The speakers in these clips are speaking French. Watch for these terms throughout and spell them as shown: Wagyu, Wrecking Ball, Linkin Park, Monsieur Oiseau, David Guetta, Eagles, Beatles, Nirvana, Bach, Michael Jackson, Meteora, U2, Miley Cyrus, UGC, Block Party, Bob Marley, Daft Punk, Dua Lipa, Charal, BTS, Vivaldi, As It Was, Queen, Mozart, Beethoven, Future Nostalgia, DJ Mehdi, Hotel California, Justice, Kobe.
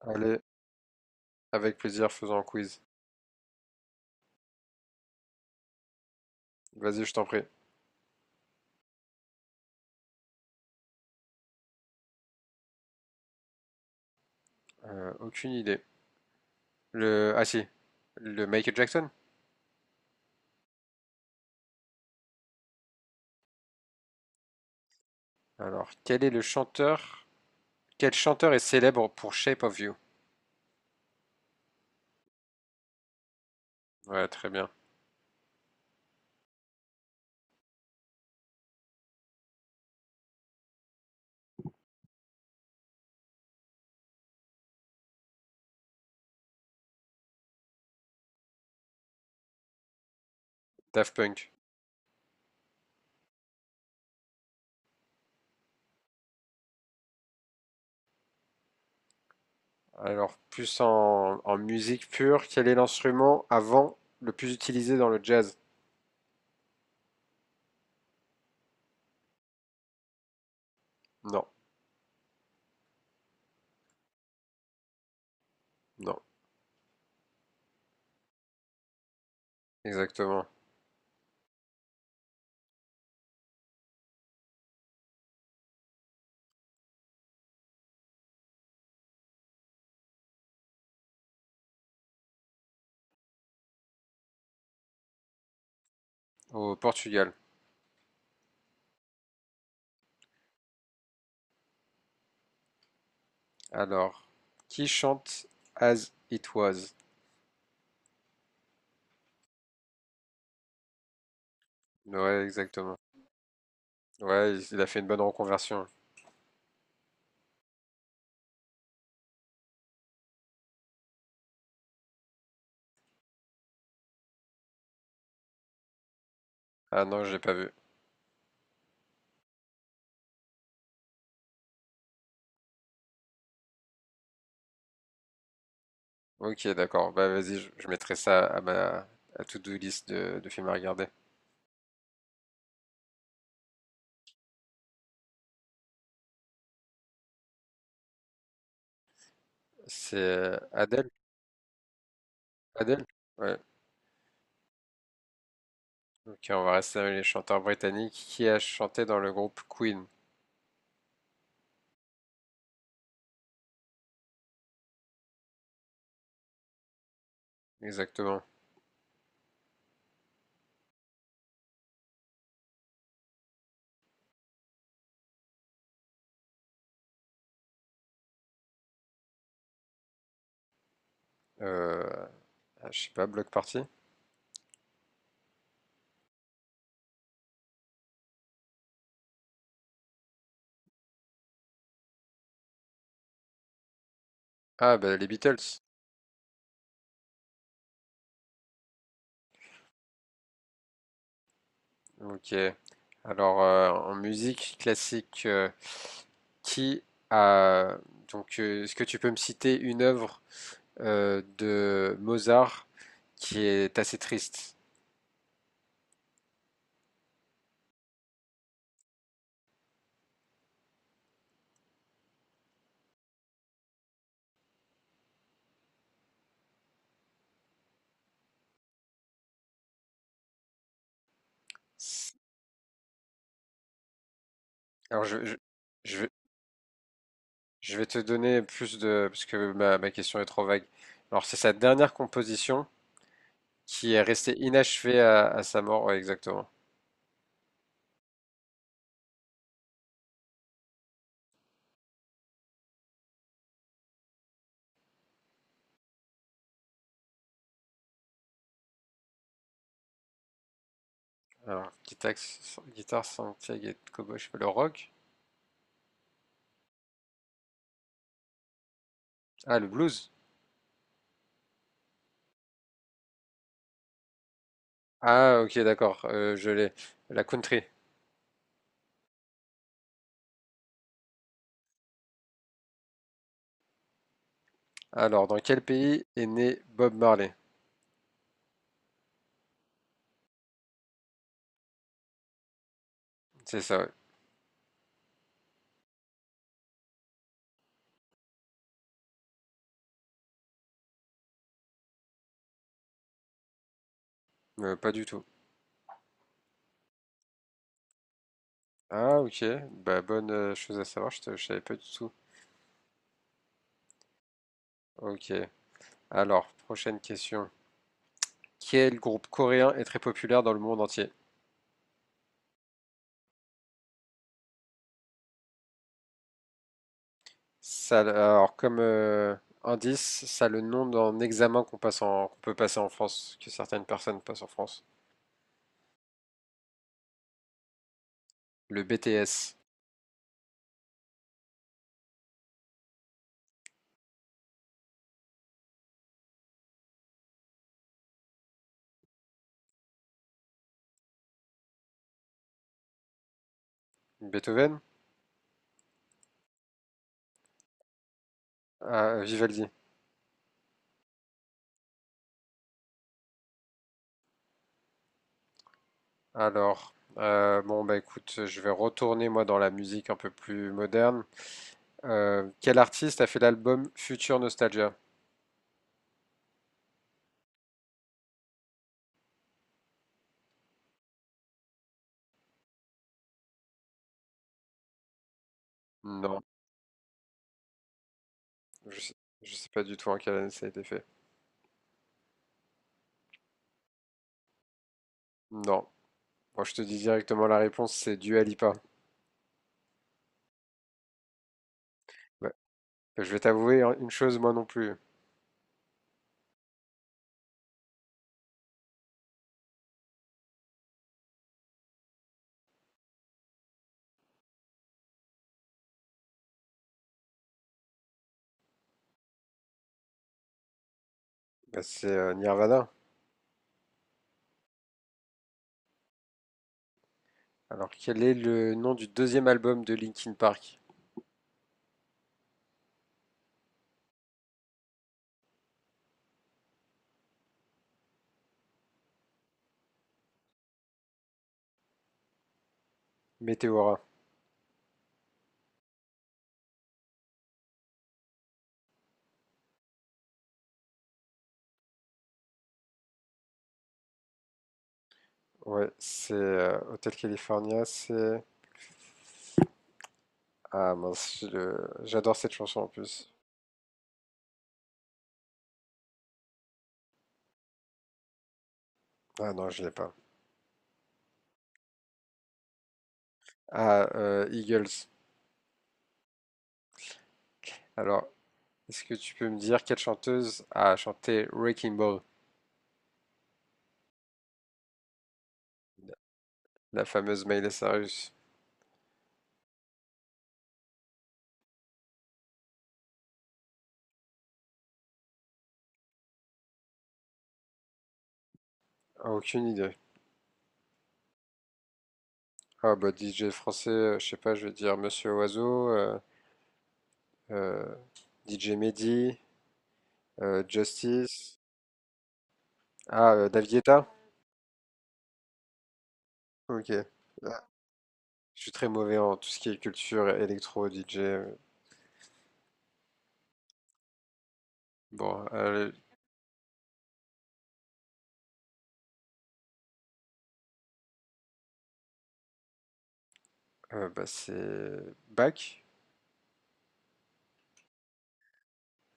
Allez, avec plaisir, faisons un quiz. Vas-y, je t'en prie. Aucune idée. Le... Ah si, le Michael Jackson. Alors, quel est le chanteur... Quel chanteur est célèbre pour Shape of You? Ouais, très bien. Daft Punk. Alors, en musique pure, quel est l'instrument avant le plus utilisé dans le jazz? Non, non, exactement. Au Portugal. Alors, qui chante As It Was? Ouais, exactement. Ouais, il a fait une bonne reconversion. Ah non, je l'ai pas vu. Ok, d'accord. Bah vas-y, je mettrai ça à ma à to-do list de films à regarder. C'est Adele? Adele? Ouais. Ok, on va rester avec les chanteurs britanniques. Qui a chanté dans le groupe Queen? Exactement. Euh, ah, je sais pas, Block Party? Ah, bah les Beatles. Ok. Alors, en musique classique, qui a... Donc, est-ce que tu peux me citer une œuvre de Mozart qui est assez triste? C'est- Alors, je je vais te donner plus de... Parce que ma question est trop vague. Alors, c'est sa dernière composition qui est restée inachevée à sa mort. Ouais, exactement. Alors, guitare, guitare Santiago et Kobo, je sais pas, le rock? Ah, le blues? Ah, ok, d'accord. Je l'ai. La country. Alors, dans quel pays est né Bob Marley? C'est ça, ouais. Pas du tout. Ah, ok. Bah, bonne chose à savoir. Je savais pas du tout. Ok. Alors, prochaine question. Quel groupe coréen est très populaire dans le monde entier? Ça, alors comme indice, ça a le nom d'un examen qu'on peut passer en France, que certaines personnes passent en France. Le BTS. Beethoven? Ah, Vivaldi. Alors, bon bah écoute, je vais retourner moi dans la musique un peu plus moderne. Quel artiste a fait l'album Future Nostalgia? Non, je sais, je sais pas du tout en quelle année ça a été fait. Non, moi je te dis directement la réponse, c'est Dua Lipa. Ouais. Je vais t'avouer hein, une chose, moi non plus. Bah, c'est Nirvana. Alors, quel est le nom du deuxième album de Linkin Park? Meteora. Ouais, c'est Hotel California, c'est... Ah mince, j'adore cette chanson en plus. Ah non, je l'ai pas. Ah, Eagles. Alors, est-ce que tu peux me dire quelle chanteuse a chanté Wrecking Ball, la fameuse Miley Cyrus? Ah, aucune idée. Ah bah DJ français, je sais pas, je vais dire Monsieur Oiseau, euh, DJ Mehdi, Justice. Ah, David Guetta? Ok. Je suis très mauvais en tout ce qui est culture, électro, DJ. Bon, bah, c'est Bach,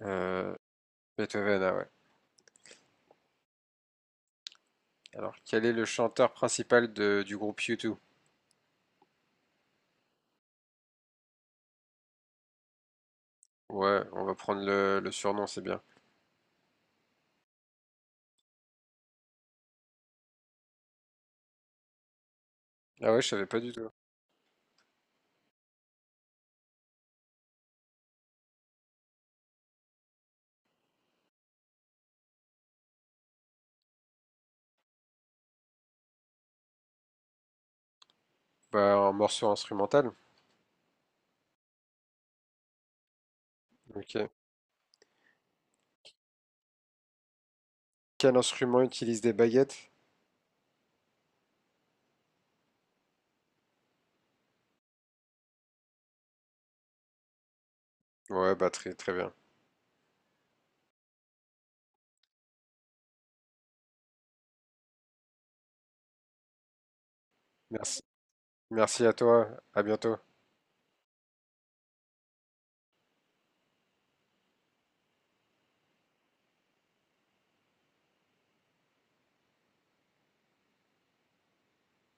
euh, Beethoven, ah ouais. Alors, quel est le chanteur principal du groupe U2? Ouais, on va prendre le surnom, c'est bien. Ah ouais, je savais pas du tout. Bah, un morceau instrumental. Ok. Quel instrument utilise des baguettes? Ouais, bah très très bien. Merci. Merci à toi. À bientôt.